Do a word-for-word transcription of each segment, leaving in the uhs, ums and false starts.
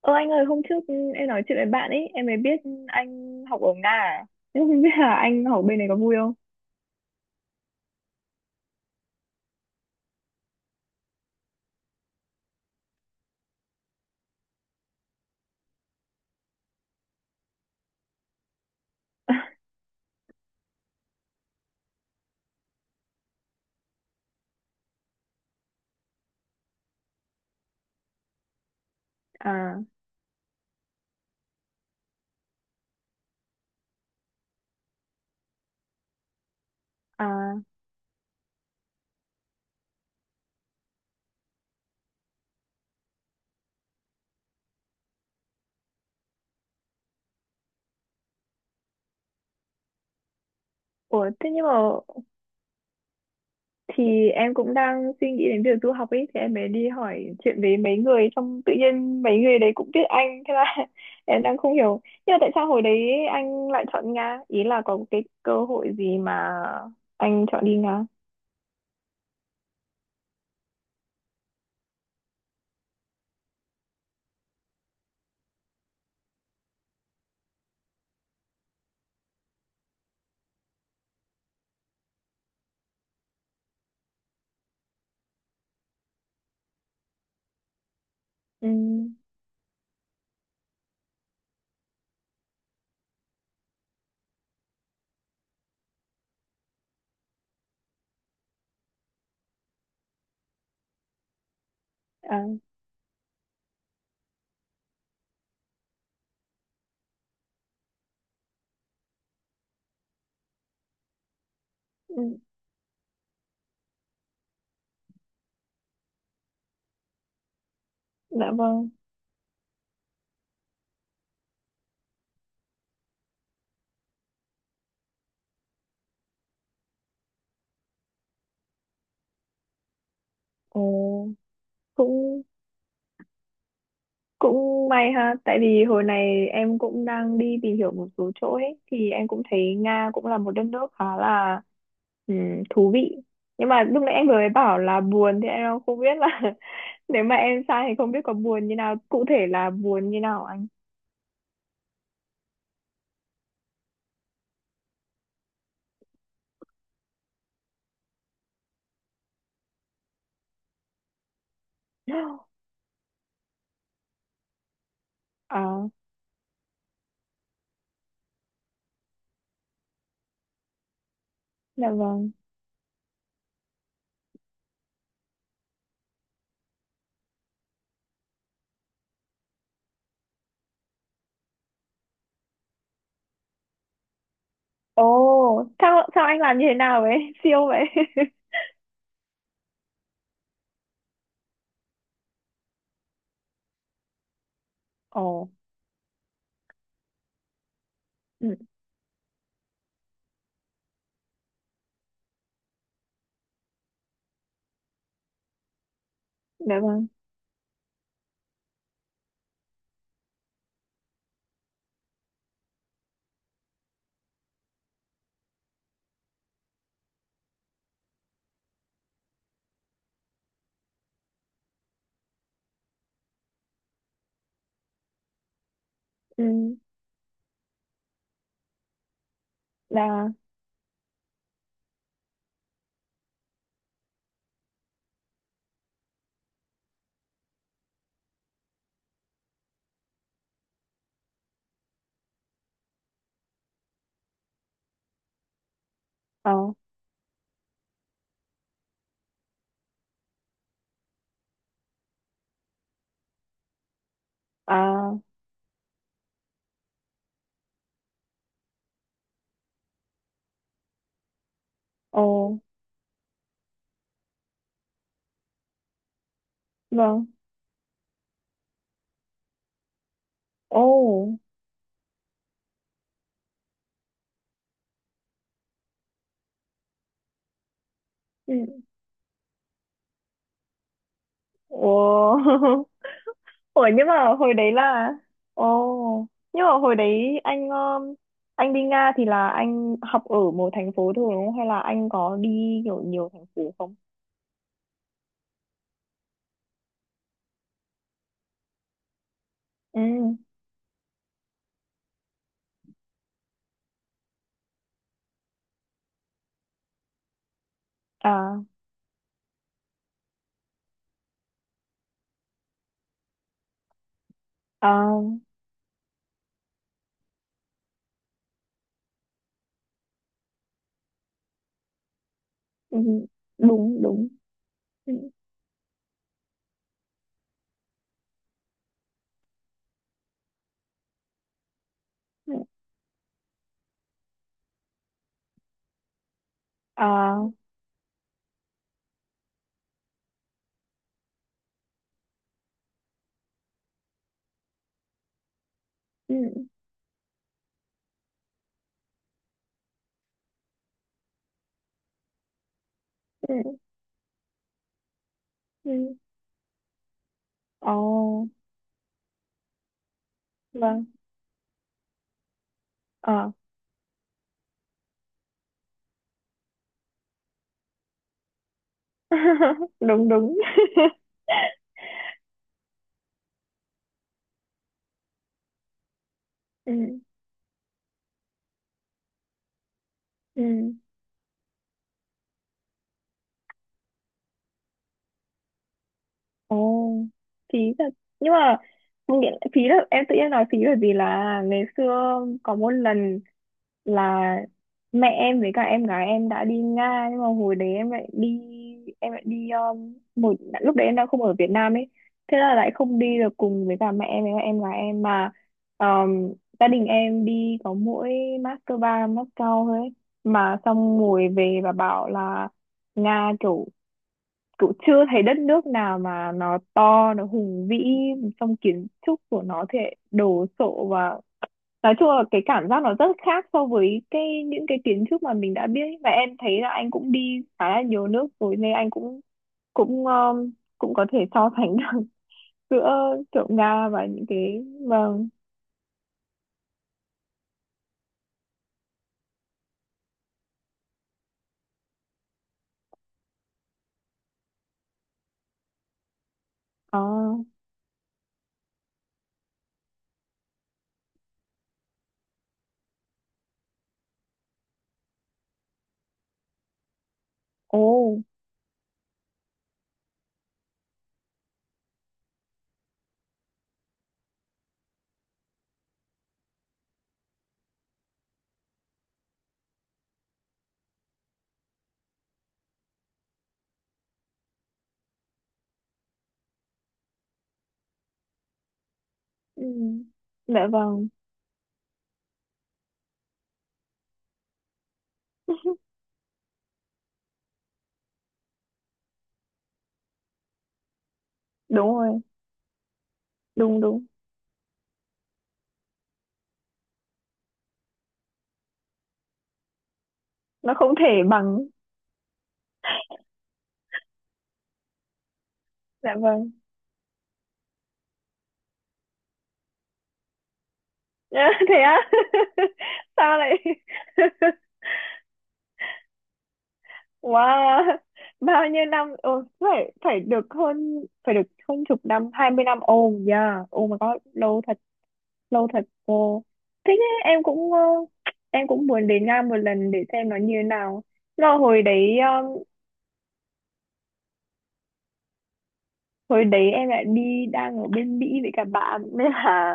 Ơ anh ơi, hôm trước em nói chuyện với bạn ấy, em mới biết anh học ở Nga à? Nhưng không biết là anh học bên này có vui không? À. À. Ủa. Thế nhưng mà thì em cũng đang suy nghĩ đến việc du học ấy, thì em mới đi hỏi chuyện với mấy người, xong tự nhiên mấy người đấy cũng biết anh, thế là em đang không hiểu. Nhưng mà tại sao hồi đấy anh lại chọn Nga? Ý là có cái cơ hội gì mà anh chọn đi Nga? Ừ. À. Ừ. Dạ vâng. Ồ, cũng Cũng may ha, tại vì hồi này em cũng đang đi tìm hiểu một số chỗ ấy, thì em cũng thấy Nga cũng là một đất nước khá là ừm, thú vị. Nhưng mà lúc nãy anh vừa mới bảo là buồn thì em không biết là, nếu mà em sang thì không biết có buồn như nào, cụ thể là buồn như nào anh. À. Dạ vâng. Ồ, sao sao anh làm như thế nào vậy? Siêu vậy. Ồ. Ừ. Dạ vâng. Ừ. Là. Ờ. À. Ồ. Vâng. Ồ. Ừ. Ủa. Ủa, nhưng mà hồi đấy là. Ồ, nhưng mà hồi đấy anh um, anh đi Nga thì là anh học ở một thành phố thôi đúng không? Hay là anh có đi kiểu nhiều thành phố không? Ừ. À. À. Ừ. Đúng, đúng. Ừ. Ừ. À. Ừ. Ừ. Ừ. Ồ. Vâng. À. Đúng, đúng. Ừ. Ừ. Ồ, phí thật. Nhưng mà không nghĩa, phí là em tự nhiên nói phí bởi vì là ngày xưa có một lần là mẹ em với cả em gái em đã đi Nga, nhưng mà hồi đấy em lại đi, em lại đi um, một lúc đấy em đang không ở Việt Nam ấy, thế là lại không đi được cùng với cả mẹ em với cả em gái em, mà um, gia đình em đi có mỗi Moscow, Moscow thôi ấy. Mà xong ngồi về và bảo là Nga kiểu cũng chưa thấy đất nước nào mà nó to, nó hùng vĩ, trong kiến trúc của nó thì lại đồ sộ, và nói chung là cái cảm giác nó rất khác so với cái những cái kiến trúc mà mình đã biết, và em thấy là anh cũng đi khá là nhiều nước rồi nên anh cũng cũng um, cũng có thể so sánh được giữa kiểu Nga và những cái. Vâng. À. Ồ. Ừ. Dạ vâng. Đúng rồi, đúng đúng, nó không thể bằng. Dạ vâng. Nhá, thế á. Sao lại. Wow, bao nhiêu năm. Ồ, phải phải được hơn, phải được hơn chục năm, hai mươi năm. Ồ, yeah, oh my god, lâu thật, lâu thật. Cô, thế nhá, em cũng ờ, em cũng muốn đến Nga một lần để xem nó như thế nào. Là hồi đấy ờ, hồi đấy em lại đi đang ở bên Mỹ với cả bạn, nên là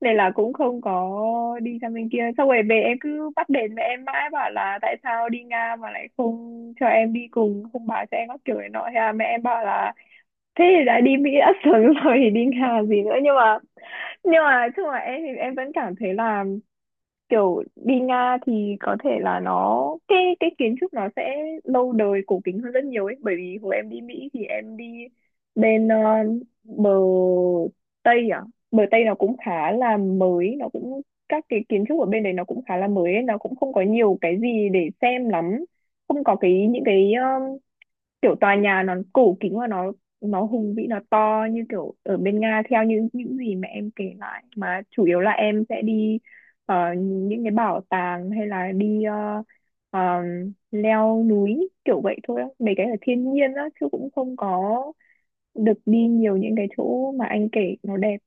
nên là cũng không có đi sang bên kia, xong rồi về em cứ bắt đền mẹ em mãi, bảo là tại sao đi Nga mà lại không cho em đi cùng, không báo cho em các kiểu này nọ, thế là mẹ em bảo là thế thì đã đi Mỹ đã sướng rồi thì đi Nga làm gì nữa. Nhưng mà nhưng mà chung là em thì em vẫn cảm thấy là kiểu đi Nga thì có thể là nó, cái cái kiến trúc nó sẽ lâu đời cổ kính hơn rất nhiều ấy, bởi vì hồi em đi Mỹ thì em đi bên ờ, bờ Tây à, bờ Tây nó cũng khá là mới, nó cũng, các cái kiến trúc ở bên đấy nó cũng khá là mới ấy, nó cũng không có nhiều cái gì để xem lắm, không có cái những cái kiểu tòa nhà nó cổ kính và nó nó hùng vĩ, nó to như kiểu ở bên Nga theo như những gì mà em kể lại. Mà chủ yếu là em sẽ đi ờ, những cái bảo tàng, hay là đi ờ, ờ, leo núi kiểu vậy thôi á, mấy cái ở thiên nhiên á, chứ cũng không có được đi nhiều những cái chỗ mà anh kể nó đẹp.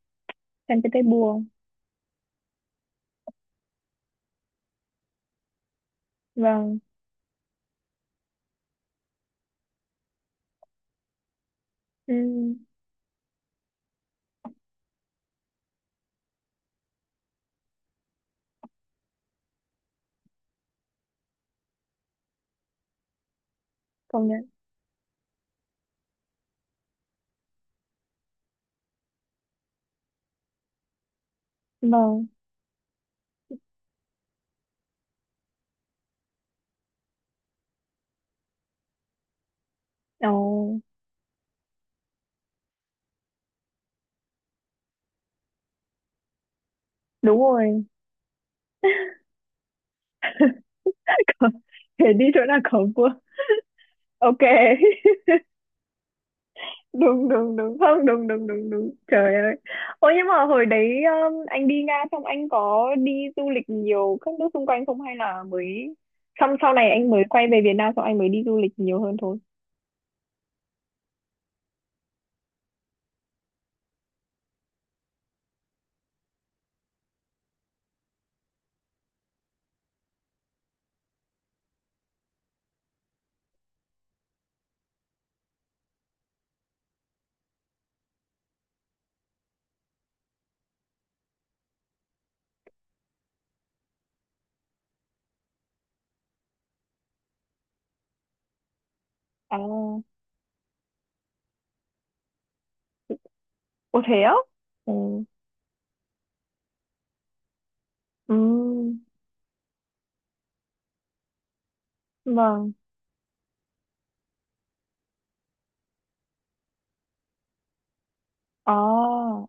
San Petersburg. Vâng. Ừ, công nhận. Vâng. Ồ, đúng rồi. Thế đi chỗ nào có vua? OK. Đúng đúng đúng, không, đúng đúng đúng đúng, trời ơi. Ôi nhưng mà hồi đấy, um, anh đi Nga xong anh có đi du lịch nhiều các nước xung quanh không, hay là mới xong sau này anh mới quay về Việt Nam xong anh mới đi du lịch nhiều hơn thôi? À. Ồ, thế á. Ừ. Ừ. Vâng. À.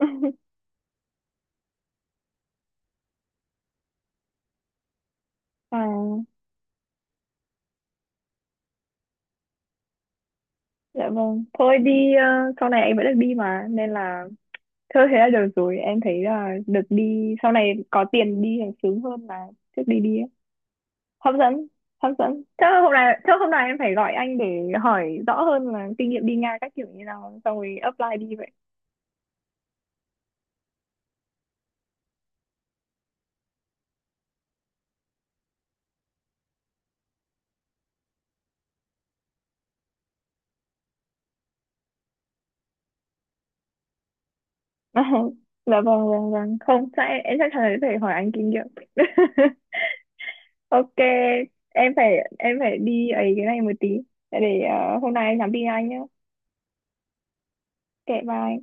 À. Dạ vâng, thôi đi, ờ, sau này anh vẫn được đi mà nên là, thôi thế là được rồi, em thấy là được đi sau này có tiền đi thì sướng hơn là trước đi đi ấy. Hấp dẫn, hấp dẫn, chắc là hôm nay chắc hôm nay em phải gọi anh để hỏi rõ hơn là kinh nghiệm đi Nga các kiểu như nào, xong rồi apply đi vậy. Dạ vâng vâng vâng, không chắc em, em chắc chắn là phải hỏi anh kinh nghiệm. OK. Em phải em phải đi ấy, cái này một tí, để để ờ, hôm nay em nhắn tin anh nhé. Kệ, bye.